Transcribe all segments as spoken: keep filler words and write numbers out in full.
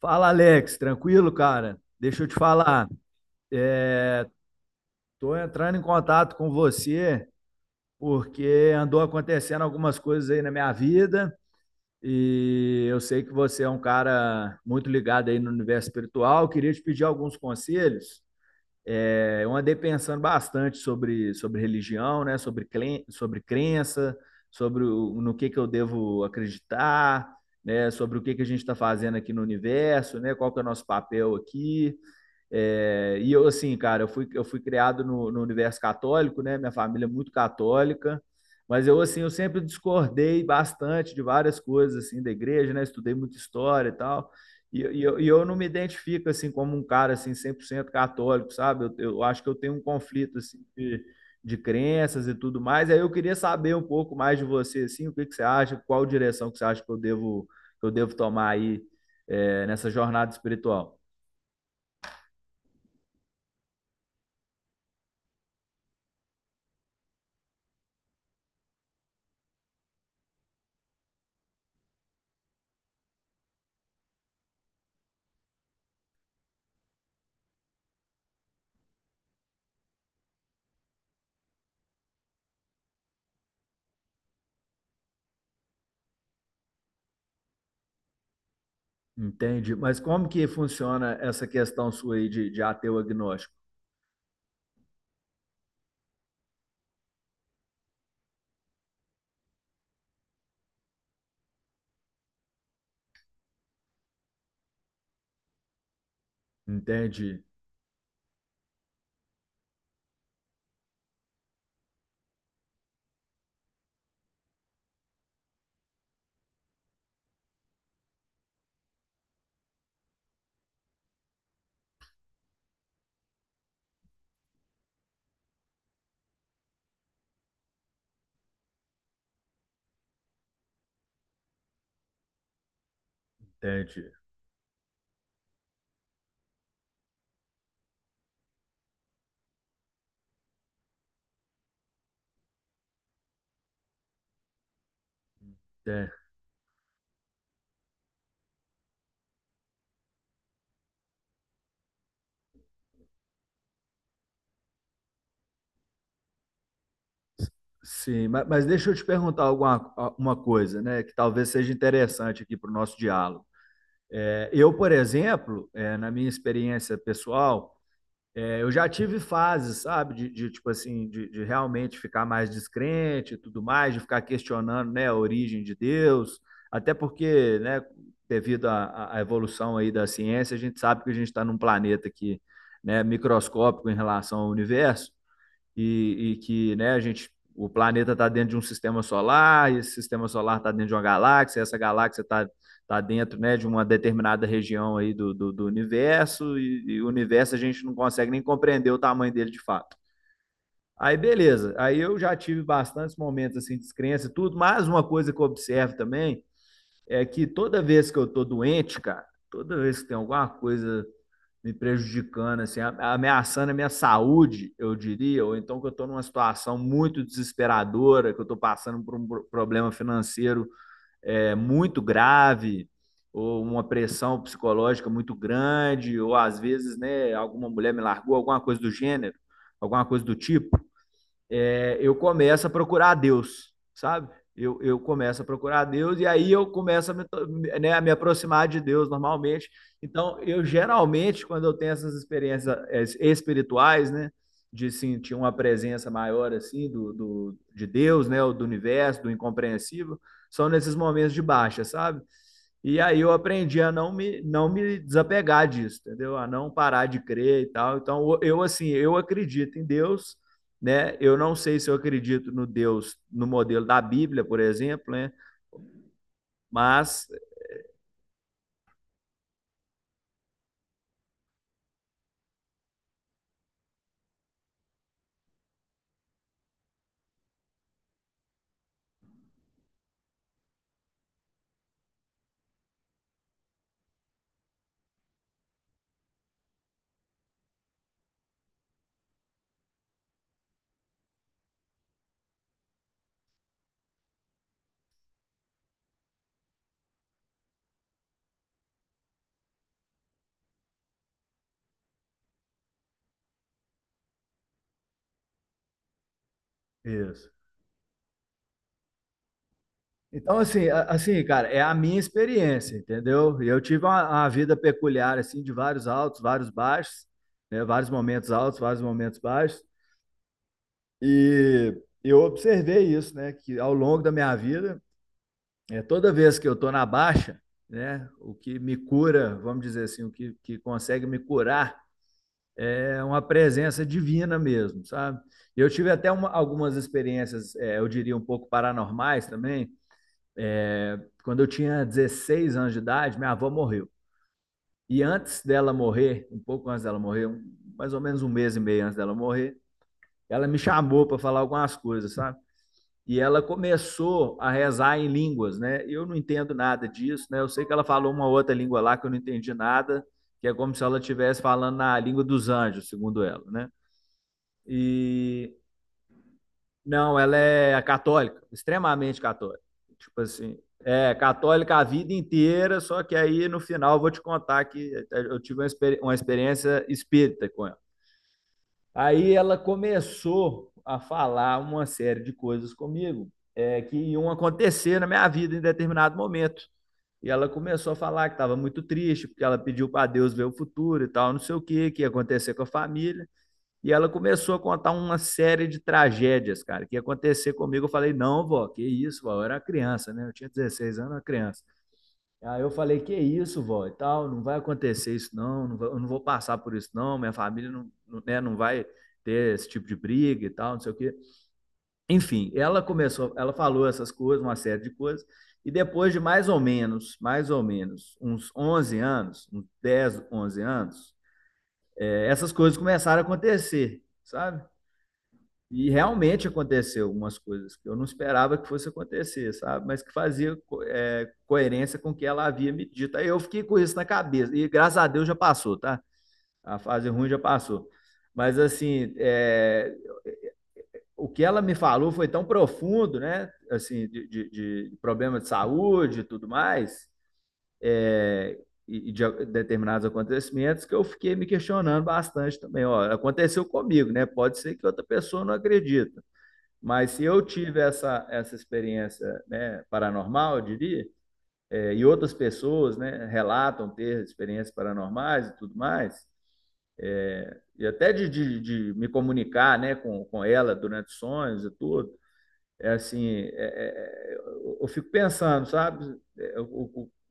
Fala, Alex, tranquilo, cara? Deixa eu te falar. Tô entrando em contato com você porque andou acontecendo algumas coisas aí na minha vida e eu sei que você é um cara muito ligado aí no universo espiritual. Eu queria te pedir alguns conselhos. É, eu andei pensando bastante sobre, sobre religião, né? Sobre, clen- sobre crença, sobre o- no que que eu devo acreditar, né? Sobre o que que a gente está fazendo aqui no universo, né? Qual que é o nosso papel aqui. É, e eu, assim, cara, eu fui, eu fui criado no, no universo católico, né? Minha família é muito católica, mas eu, assim, eu sempre discordei bastante de várias coisas, assim, da igreja, né? Estudei muita história e tal. E, e eu, e eu não me identifico, assim, como um cara, assim, cem por cento católico, sabe? Eu, eu acho que eu tenho um conflito, assim, de, de crenças e tudo mais. Aí eu queria saber um pouco mais de você, assim, o que que você acha, qual direção que você acha que eu devo, que eu devo tomar aí, é, nessa jornada espiritual. Entende? Mas como que funciona essa questão sua aí de, de ateu agnóstico? Entende? Entende? É, Sim, ma- mas deixa eu te perguntar alguma, uma coisa, né, que talvez seja interessante aqui para o nosso diálogo. É, Eu, por exemplo, é, na minha experiência pessoal, É, eu já tive fases, sabe, de, de tipo assim, de, de, realmente ficar mais descrente e tudo mais, de ficar questionando, né, a origem de Deus, até porque, né, devido à à evolução aí da ciência, a gente sabe que a gente está num planeta que, né, microscópico em relação ao universo, e, e que né, a gente, o planeta está dentro de um sistema solar, e esse sistema solar está dentro de uma galáxia, e essa galáxia está tá dentro né, de uma determinada região aí do, do, do universo, e, e o universo a gente não consegue nem compreender o tamanho dele de fato. Aí beleza, aí eu já tive bastantes momentos assim de descrença e tudo, mas uma coisa que eu observo também é que toda vez que eu tô doente, cara, toda vez que tem alguma coisa me prejudicando, assim, ameaçando a minha saúde, eu diria, ou então que eu estou numa situação muito desesperadora, que eu estou passando por um problema financeiro é, muito grave, ou uma pressão psicológica muito grande, ou às vezes, né, alguma mulher me largou, alguma coisa do gênero, alguma coisa do tipo é, eu começo a procurar a Deus, sabe? Eu, eu começo a procurar a Deus e aí eu começo a me, né, a me aproximar de Deus normalmente. Então, eu geralmente, quando eu tenho essas experiências é, espirituais, né? De sentir uma presença maior, assim, do, do, de Deus, né? Ou do universo, do incompreensível, são nesses momentos de baixa, sabe? E aí eu aprendi a não me, não me desapegar disso, entendeu? A não parar de crer e tal. Então, eu, assim, eu acredito em Deus, né? Eu não sei se eu acredito no Deus no modelo da Bíblia, por exemplo, né? Mas isso. Então assim, assim, cara, é a minha experiência, entendeu? Eu tive uma, uma vida peculiar assim de vários altos, vários baixos, né? Vários momentos altos, vários momentos baixos e eu observei isso, né? Que ao longo da minha vida, é toda vez que eu tô na baixa, né? O que me cura, vamos dizer assim, o que, que consegue me curar é uma presença divina mesmo, sabe? Eu tive até uma, algumas experiências, é, eu diria um pouco paranormais também. É, Quando eu tinha dezesseis anos de idade, minha avó morreu. E antes dela morrer, um pouco antes dela morrer, um, mais ou menos um mês e meio antes dela morrer, ela me chamou para falar algumas coisas, sabe? E ela começou a rezar em línguas, né? Eu não entendo nada disso, né? Eu sei que ela falou uma outra língua lá que eu não entendi nada, que é como se ela estivesse falando na língua dos anjos, segundo ela, né? E Não, ela é católica, extremamente católica. Tipo assim, é católica a vida inteira, só que aí no final eu vou te contar que eu tive uma experi- uma experiência espírita com ela. Aí ela começou a falar uma série de coisas comigo, é, que iam acontecer na minha vida em determinado momento. E ela começou a falar que estava muito triste, porque ela pediu para Deus ver o futuro e tal, não sei o que, que ia acontecer com a família. E ela começou a contar uma série de tragédias, cara, que ia acontecer comigo. Eu falei, não, vó, que isso, vó. Eu era criança, né? Eu tinha dezesseis anos, eu era criança. Aí eu falei, que isso, vó, e tal, não vai acontecer isso, não, não vai- eu não vou passar por isso, não, minha família não, não, né, não vai ter esse tipo de briga e tal, não sei o quê. Enfim, ela começou, ela falou essas coisas, uma série de coisas, e depois de mais ou menos, mais ou menos, uns onze anos, uns dez, onze anos, eh, essas coisas começaram a acontecer, sabe? E realmente aconteceu algumas coisas que eu não esperava que fosse acontecer, sabe? Mas que fazia co- é, coerência com o que ela havia me dito. Aí eu fiquei com isso na cabeça. E graças a Deus já passou, tá? A fase ruim já passou. Mas assim, é, o que ela me falou foi tão profundo, né? Assim, de, de, de problema de saúde e tudo mais, é, e, e de a- determinados acontecimentos, que eu fiquei me questionando bastante também. Ó, aconteceu comigo, né? Pode ser que outra pessoa não acredite. Mas se eu tive essa, essa experiência né, paranormal, eu diria, é, e outras pessoas né, relatam ter experiências paranormais e tudo mais, é, e até de, de, de, me comunicar né, com, com ela durante sonhos e tudo, é assim, é, é, eu fico pensando, sabe,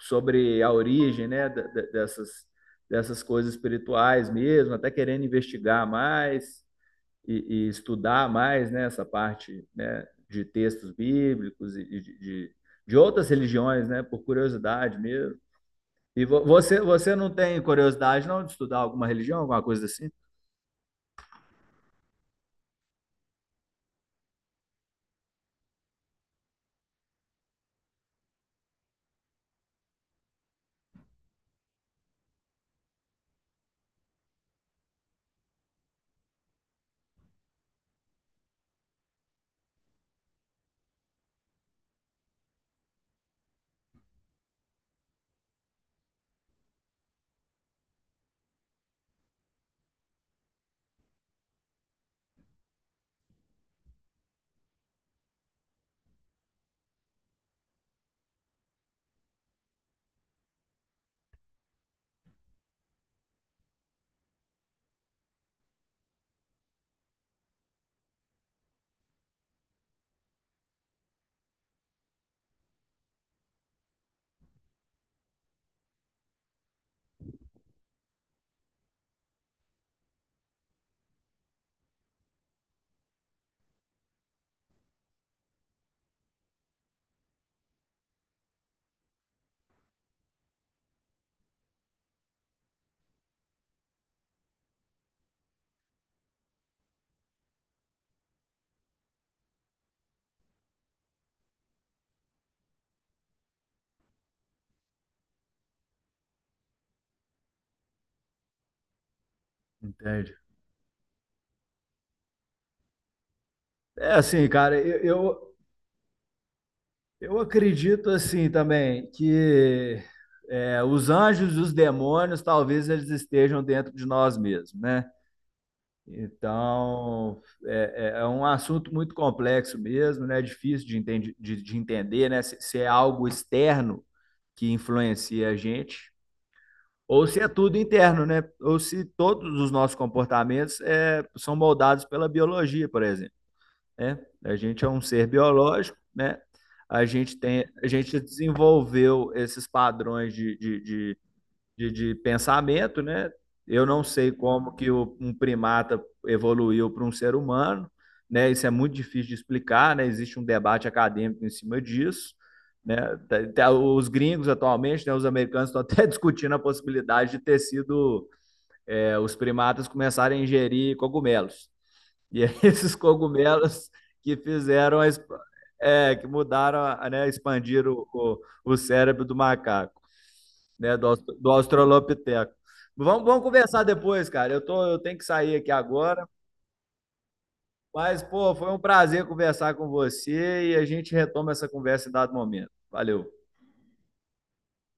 sobre a origem né, dessas, dessas coisas espirituais mesmo, até querendo investigar mais e, e estudar mais né, essa parte né, de textos bíblicos e de, de, de outras religiões, né, por curiosidade mesmo. E vo- você, você não tem curiosidade não de estudar alguma religião, alguma coisa assim? Entende? É assim, cara, eu, eu, eu acredito assim também que é, os anjos e os demônios talvez eles estejam dentro de nós mesmos, né? Então, é, é- é um assunto muito complexo mesmo, né? É difícil de, entendi- de- de entender, né? Se, se é algo externo que influencia a gente, ou se é tudo interno, né? Ou se todos os nossos comportamentos é, são moldados pela biologia, por exemplo, né? A gente é um ser biológico, né? A gente tem, a gente desenvolveu esses padrões de, de, de, de pensamento, né? Eu não sei como que o- um primata evoluiu para um ser humano, né? Isso é muito difícil de explicar, né? Existe um debate acadêmico em cima disso, né? Tá- tá- Os gringos atualmente, né? Os americanos estão até discutindo a possibilidade de ter sido é, os primatas começarem a ingerir cogumelos. E aí esses cogumelos que fizeram a, é, que mudaram, a- né? Expandiram o, o o cérebro do macaco né, do, austro- do Australopiteco. Vamos, vamos conversar depois, cara. Eu tô, eu tenho que sair aqui agora, mas, pô, foi um prazer conversar com você e a gente retoma essa conversa em dado momento. Valeu.